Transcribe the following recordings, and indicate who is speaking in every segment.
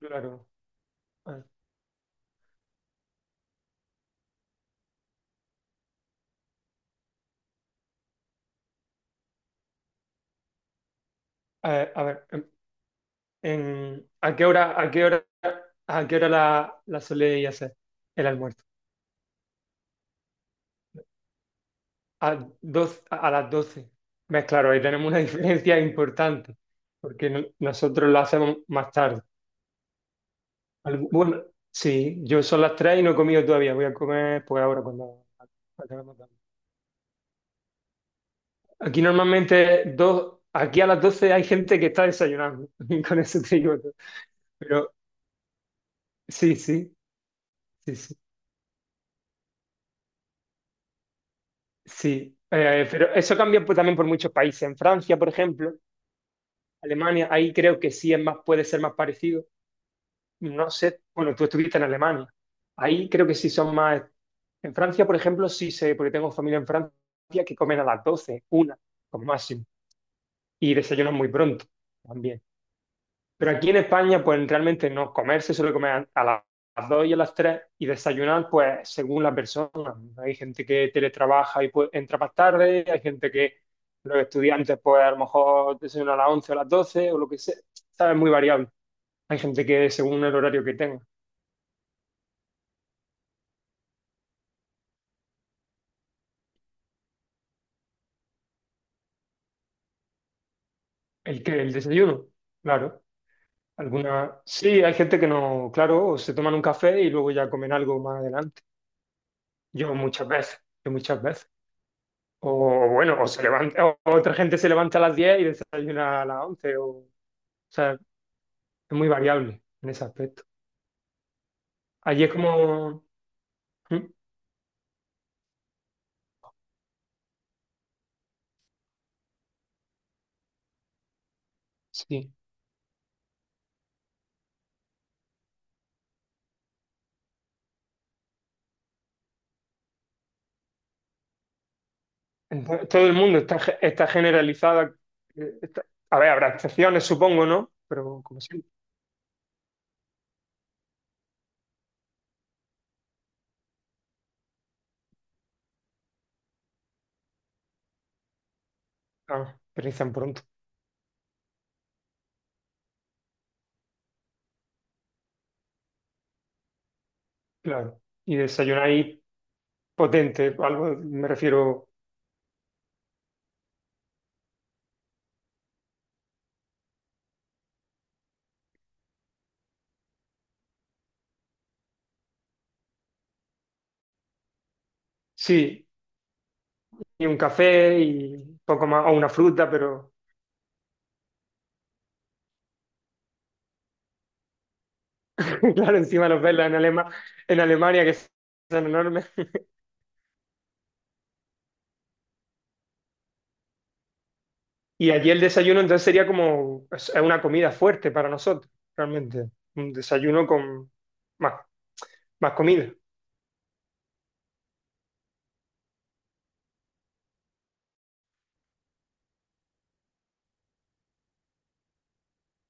Speaker 1: Claro. A, a ver, en- ¿a qué hora, a qué hora, a qué hora la soléis hacer el almuerzo? A, ¿A las 12? Ves, claro, ahí tenemos una diferencia importante, porque nosotros la hacemos más tarde. Bueno, sí, yo son las 3 y no he comido todavía, voy a comer pues ahora cuando acabemos de hablar. Aquí normalmente dos, aquí a las 12 hay gente que está desayunando, con eso te digo todo. Pero sí, sí, sí, sí. Sí, pero eso cambia pues, también por muchos países. En Francia, por ejemplo, Alemania, ahí creo que sí es más, puede ser más parecido. No sé, bueno, tú estuviste en Alemania. Ahí creo que sí son más. En Francia, por ejemplo, sí sé, porque tengo familia en Francia que comen a las 12, una, como máximo, y desayunan muy pronto también. Pero aquí en España, pues realmente no, comer se suele comer a las 2 y a las 3 y desayunar, pues según la persona. Hay gente que teletrabaja y pues, entra más tarde, hay gente que los estudiantes, pues a lo mejor desayunan a las 11 o a las 12 o lo que sea. Está muy variable. Hay gente que según el horario que tenga. El que el desayuno, claro. Alguna, sí, hay gente que no, claro, o se toman un café y luego ya comen algo más adelante. Yo muchas veces, yo muchas veces. O bueno, o se levanta, o otra gente se levanta a las 10 y desayuna a las 11 o sea, es muy variable en ese aspecto. Allí es como, ¿mm? Sí, entonces, todo el mundo está, está generalizada. eh, está- a ver, habrá excepciones, supongo, ¿no? Pero como siempre, ah, empiezan pronto, claro. Y desayunáis potente, algo, me refiero, sí, y un café y poco más, o una fruta, pero claro, encima los velas en en Alemania que son enormes. Y allí el desayuno entonces sería como es una comida fuerte para nosotros, realmente. Un desayuno con más, más comida.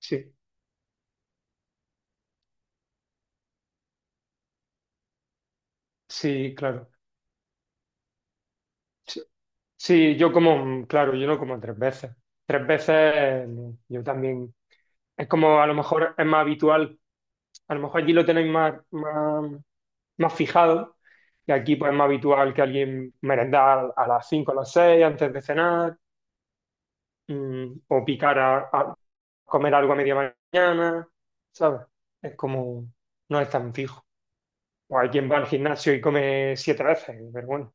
Speaker 1: Sí, sí, claro. Sí, sí, yo como, claro, yo no como tres veces. Tres veces no, yo también. Es como a lo mejor es más habitual, a lo mejor allí lo tenéis más, más, más fijado. Y aquí pues es más habitual que alguien merendar a las 5 o a las 6 antes de cenar, o picar comer algo a media mañana, ¿sabes? Es como, no es tan fijo. O hay quien va al gimnasio y come siete veces, pero bueno,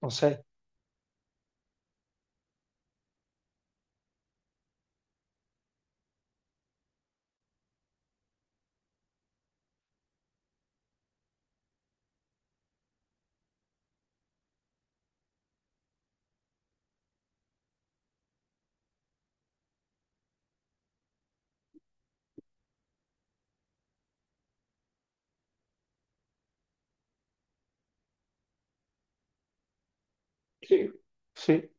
Speaker 1: no sé. Sí, sí.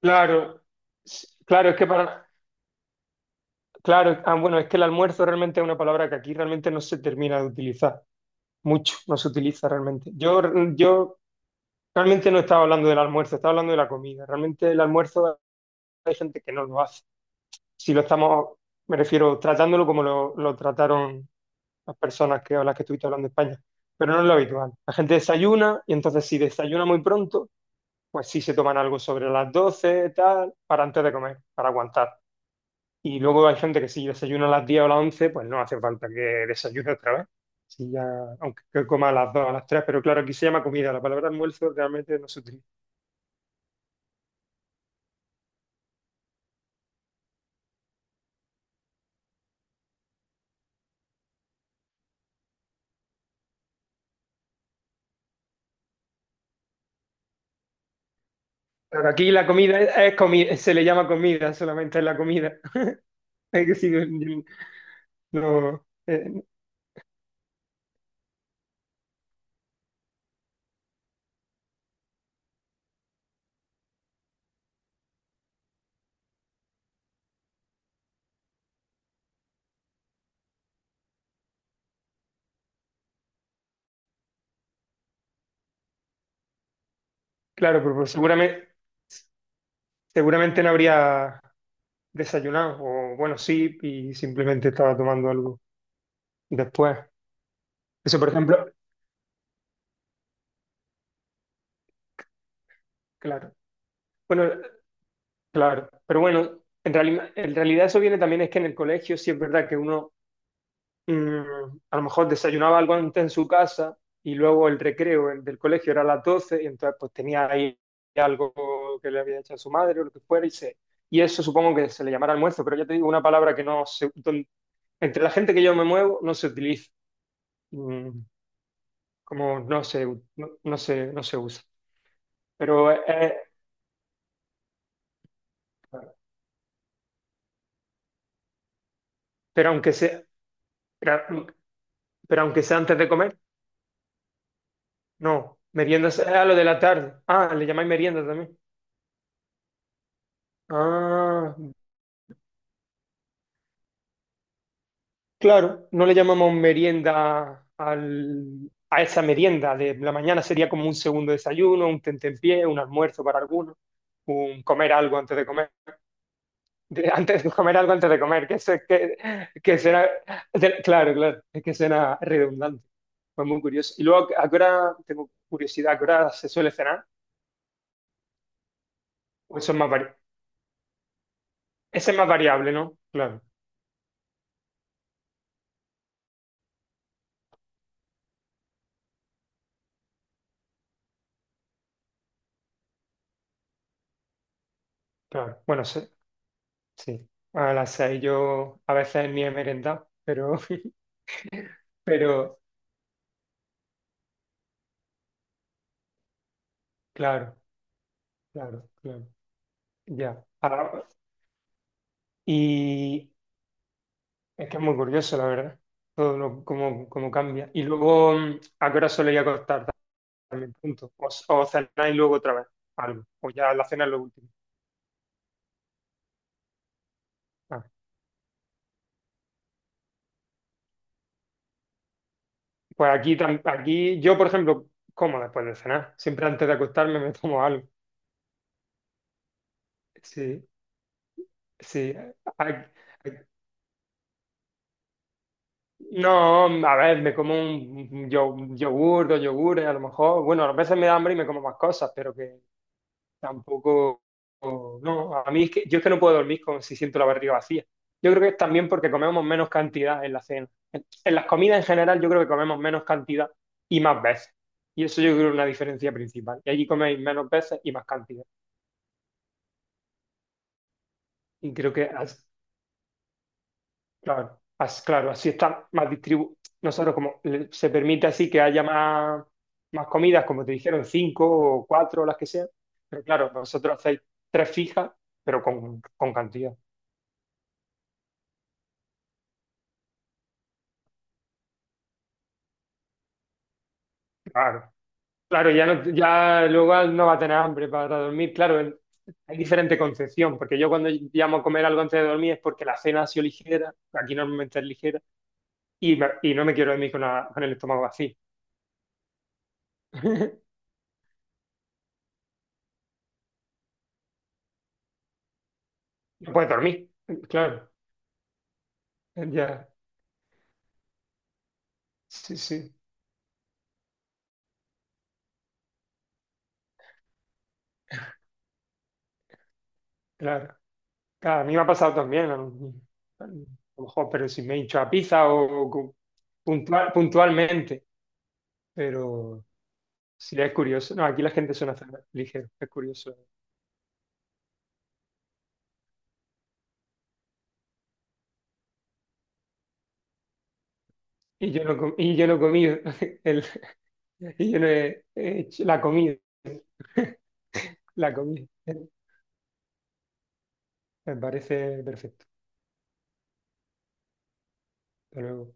Speaker 1: Claro, claro, es que para, claro, ah, bueno, es que el almuerzo realmente es una palabra que aquí realmente no se termina de utilizar mucho, no se utiliza realmente. Yo realmente no estaba hablando del almuerzo, estaba hablando de la comida. Realmente el almuerzo hay gente que no lo hace. Si lo estamos, me refiero, tratándolo como lo trataron las personas que, a las que estuviste hablando en España, pero no es lo habitual. La gente desayuna y entonces si desayuna muy pronto, pues sí se toman algo sobre las 12, tal, para antes de comer, para aguantar. Y luego hay gente que si desayuna a las 10 o a las 11, pues no hace falta que desayune otra vez. Si ya, aunque que coma a las 2, a las 3, pero claro, aquí se llama comida, la palabra almuerzo realmente no se utiliza. Pero aquí la comida se le llama comida, solamente es la comida. Es que sí, no, no, claro, pero pues seguramente no habría desayunar, o bueno, sí, y simplemente estaba tomando algo después. Eso, por ejemplo, claro. Bueno, claro, pero bueno, en realidad eso viene también es que en el colegio sí es verdad que uno mm, a lo mejor desayunaba algo antes en su casa y luego el recreo el del colegio era a las 12 y entonces pues tenía ahí algo que le había hecho a su madre o lo que fuera y se. Y eso supongo que se le llamará almuerzo, pero ya te digo, una palabra que no se... don- entre la gente que yo me muevo no se utiliza. Mm, como no se, no, no se usa. Pero, eh, pero, aunque sea, pero, pero aunque sea antes de comer, no. Meriendas es a lo de la tarde. Ah, le llamáis merienda también. Ah, claro, no le llamamos merienda al, a esa merienda de la mañana, sería como un segundo desayuno, un tentempié, un almuerzo para algunos, un comer algo antes de comer. Antes de comer algo antes de comer, que, se, que será, claro, claro, es que será redundante. Fue muy curioso. Y luego, ¿a qué hora, tengo curiosidad, a qué hora se suele cenar? ¿O eso es más vari- Ese es más variable, ¿no? Claro, claro. Bueno, sí. Sí. A las seis yo a veces ni he merendado, pero, pero, claro, claro, claro. Ya. Y es que es muy curioso, la verdad. Todo lo, cómo, cómo cambia. Y luego, mm, ¿a qué hora suele ir a acostar también? Punto. O cenar y luego otra vez algo. O ya la cena es lo último. Ah. Pues aquí, aquí yo, por ejemplo, como después de cenar. Siempre antes de acostarme me tomo algo. Sí, sí. A- No, a ver, me como un un yogur, dos yogures, a lo mejor. Bueno, a veces me da hambre y me como más cosas, pero que tampoco. No, a mí es que yo es que no puedo dormir con, si siento la barriga vacía. Yo creo que es también porque comemos menos cantidad en la cena. En las comidas en general, yo creo que comemos menos cantidad y más veces. Y eso yo creo que es una diferencia principal. Y allí coméis menos veces y más cantidad. Y creo que, claro, claro, así está más distribuido. Nosotros, como se permite así que haya más, más comidas, como te dijeron, cinco o cuatro, las que sean. Pero claro, vosotros hacéis tres fijas, pero con cantidad. Claro, claro, ya, no, ya luego no va a tener hambre para dormir. Claro, hay diferente concepción, porque yo cuando llamo a comer algo antes de dormir es porque la cena ha sido ligera, aquí normalmente es ligera, y, y no me quiero dormir con, con el estómago vacío. No puedes dormir, claro. Ya. Sí, sí, claro. Claro, a mí me ha pasado también, a lo mejor, pero si me he hinchado a pizza o, puntual, puntualmente, pero sí es curioso. No, aquí la gente suena hacer ligero, es curioso. Y yo no he comido, el, y yo no he hecho la comida, la comida. Me parece perfecto. Hasta luego.